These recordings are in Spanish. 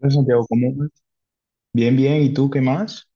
Hola, Santiago, ¿cómo vas? Bien, bien, ¿y tú qué más?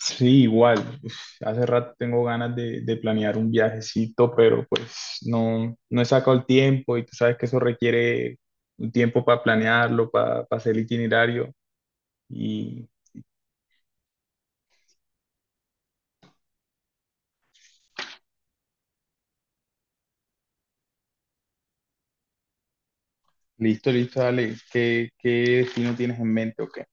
Sí, igual. Uf, hace rato tengo ganas de planear un viajecito, pero pues no, no he sacado el tiempo y tú sabes que eso requiere un tiempo para planearlo, para hacer el itinerario. Y listo, listo, dale. ¿¿Qué destino tienes en mente o qué?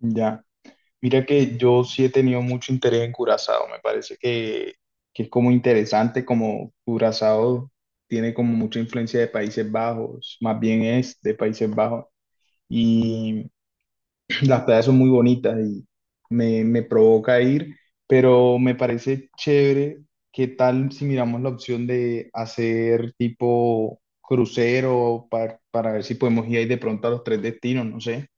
Ya. Mira que yo sí he tenido mucho interés en Curazao, me parece que es como interesante, como Curazao tiene como mucha influencia de Países Bajos, más bien es de Países Bajos, y las playas son muy bonitas y me provoca ir, pero me parece chévere, qué tal si miramos la opción de hacer tipo crucero para ver si podemos ir ahí de pronto a los tres destinos, no sé.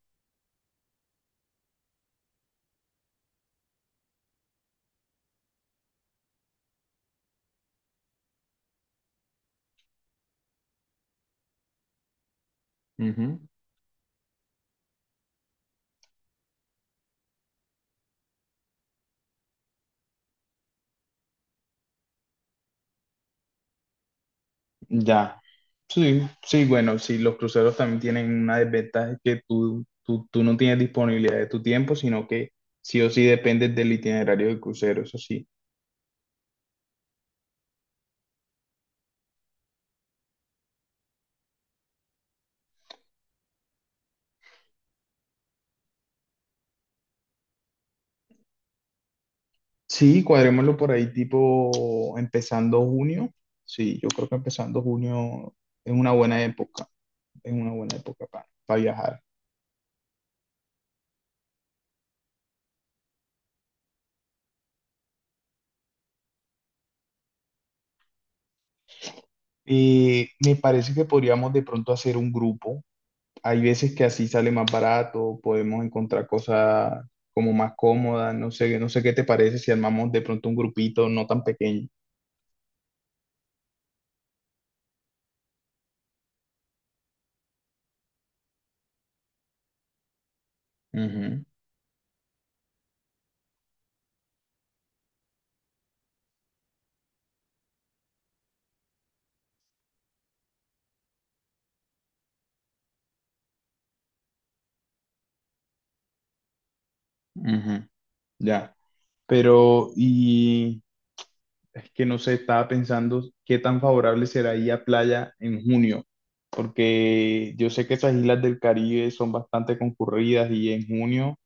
Ujú. Ya, sí, sí, bueno, sí, los cruceros también tienen una desventaja, es que tú no tienes disponibilidad de tu tiempo, sino que sí o sí dependes del itinerario del crucero, eso sí. Sí, cuadrémoslo por ahí tipo empezando junio. Sí, yo creo que empezando junio es una buena época, es una buena época para viajar. Y me parece que podríamos de pronto hacer un grupo. Hay veces que así sale más barato, podemos encontrar cosas como más cómodas, no sé, no sé qué te parece si armamos de pronto un grupito no tan pequeño. Ujú, ujú, ya. Pero, y es que no sé, estaba pensando qué tan favorable será ir a playa en junio, porque yo sé que esas islas del Caribe son bastante concurridas y en junio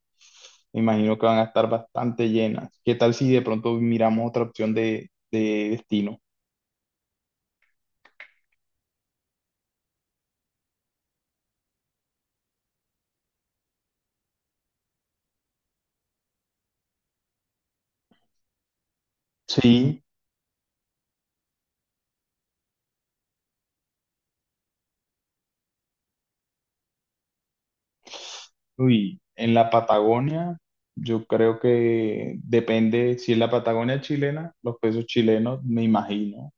me imagino que van a estar bastante llenas. ¿Qué tal si de pronto miramos otra opción de destino? Sí. Uy, en la Patagonia, yo creo que depende, si es la Patagonia chilena, los pesos chilenos, me imagino,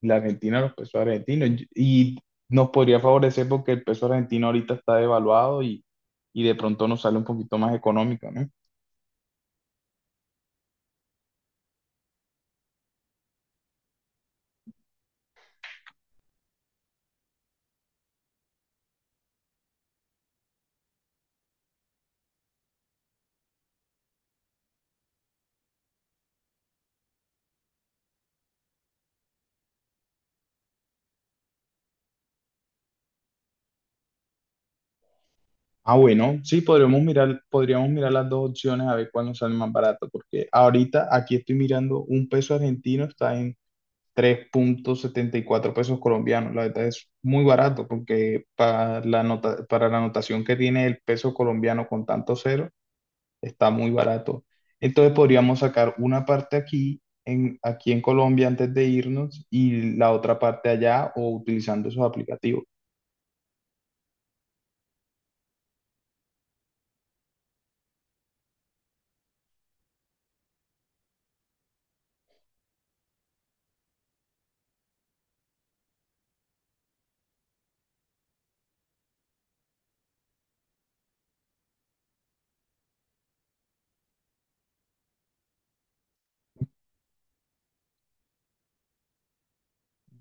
la Argentina, los pesos argentinos, y nos podría favorecer porque el peso argentino ahorita está devaluado y de pronto nos sale un poquito más económico, ¿no? Ah, bueno, sí, podríamos mirar las dos opciones a ver cuál nos sale más barato, porque ahorita aquí estoy mirando un peso argentino, está en 3,74 pesos colombianos. La verdad es muy barato porque para la notación que tiene el peso colombiano con tanto cero, está muy barato. Entonces podríamos sacar una parte aquí en, Colombia antes de irnos y la otra parte allá o utilizando esos aplicativos.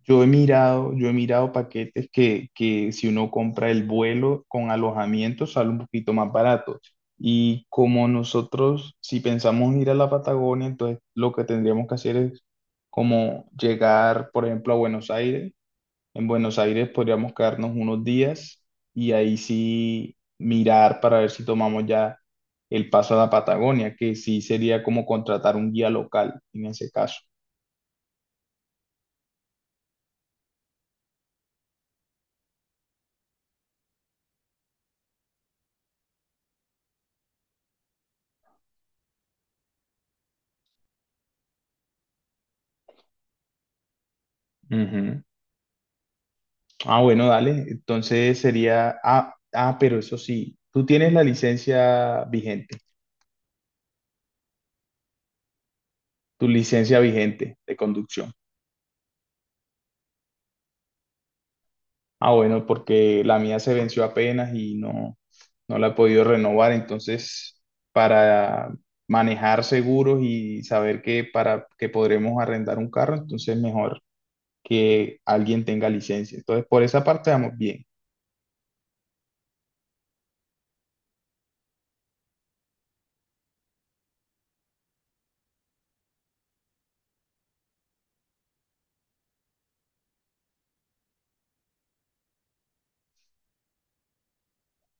Yo he mirado paquetes que si uno compra el vuelo con alojamiento sale un poquito más barato. Y como nosotros, si pensamos ir a la Patagonia, entonces lo que tendríamos que hacer es como llegar, por ejemplo, a Buenos Aires. En Buenos Aires podríamos quedarnos unos días y ahí sí mirar para ver si tomamos ya el paso a la Patagonia, que sí sería como contratar un guía local en ese caso. Ah, bueno, dale. Entonces sería, pero eso sí, tú tienes tu licencia vigente de conducción. Ah, bueno, porque la mía se venció apenas y no, no la he podido renovar. Entonces, para manejar seguros y saber que para que podremos arrendar un carro, entonces mejor que alguien tenga licencia. Entonces, por esa parte vamos bien.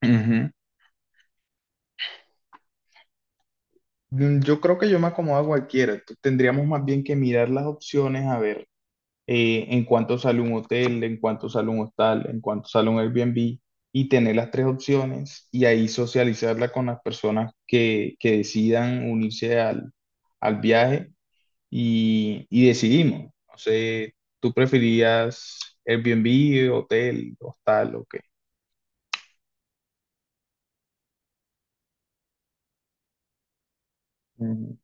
Ujú. Mm, yo creo que yo me acomodo a cualquiera. Entonces, tendríamos más bien que mirar las opciones a ver, en cuánto sale un hotel, en cuánto sale un hostal, en cuánto sale un Airbnb, y tener las tres opciones y ahí socializarla con las personas que decidan unirse al, al viaje y decidimos. No sé, ¿tú preferías Airbnb, hotel, hostal o qué? Ujú.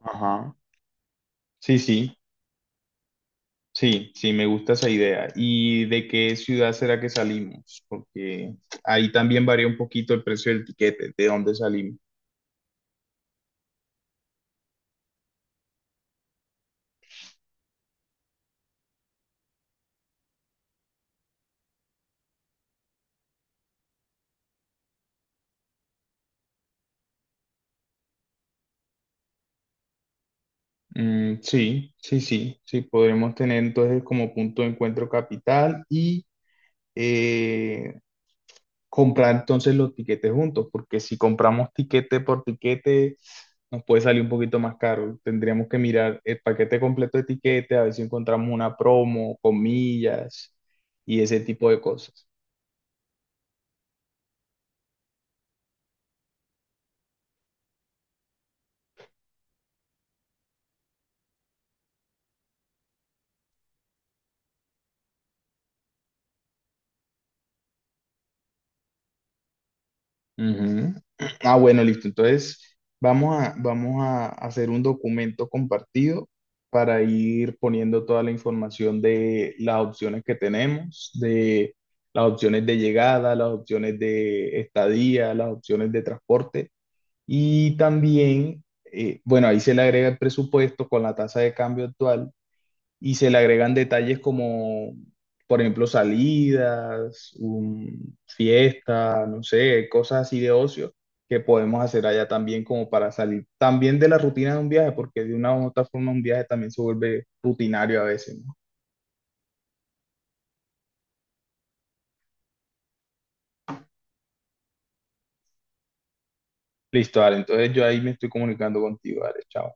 Ajá. Sí, sí, sí, sí, me gusta esa idea. ¿Y de qué ciudad será que salimos? Porque ahí también varía un poquito el precio del tiquete, de dónde salimos. Mm, sí, sí, sí, sí, podremos tener entonces como punto de encuentro capital y, eh, comprar entonces los tiquetes juntos, porque si compramos tiquete por tiquete nos puede salir un poquito más caro. Tendríamos que mirar el paquete completo de tiquete, a ver si encontramos una promo, comillas, y ese tipo de cosas. Ujú. Ah, bueno, listo. Entonces, vamos a hacer un documento compartido para ir poniendo toda la información de las opciones que tenemos, de las opciones de llegada, las opciones de estadía, las opciones de transporte y también, bueno, ahí se le agrega el presupuesto con la tasa de cambio actual y se le agregan detalles como, por ejemplo, salidas, fiesta, no sé, cosas así de ocio que podemos hacer allá también como para salir también de la rutina de un viaje, porque de una u otra forma un viaje también se vuelve rutinario a veces, ¿no? Listo, Ale, entonces yo ahí me estoy comunicando contigo, Ale, chao.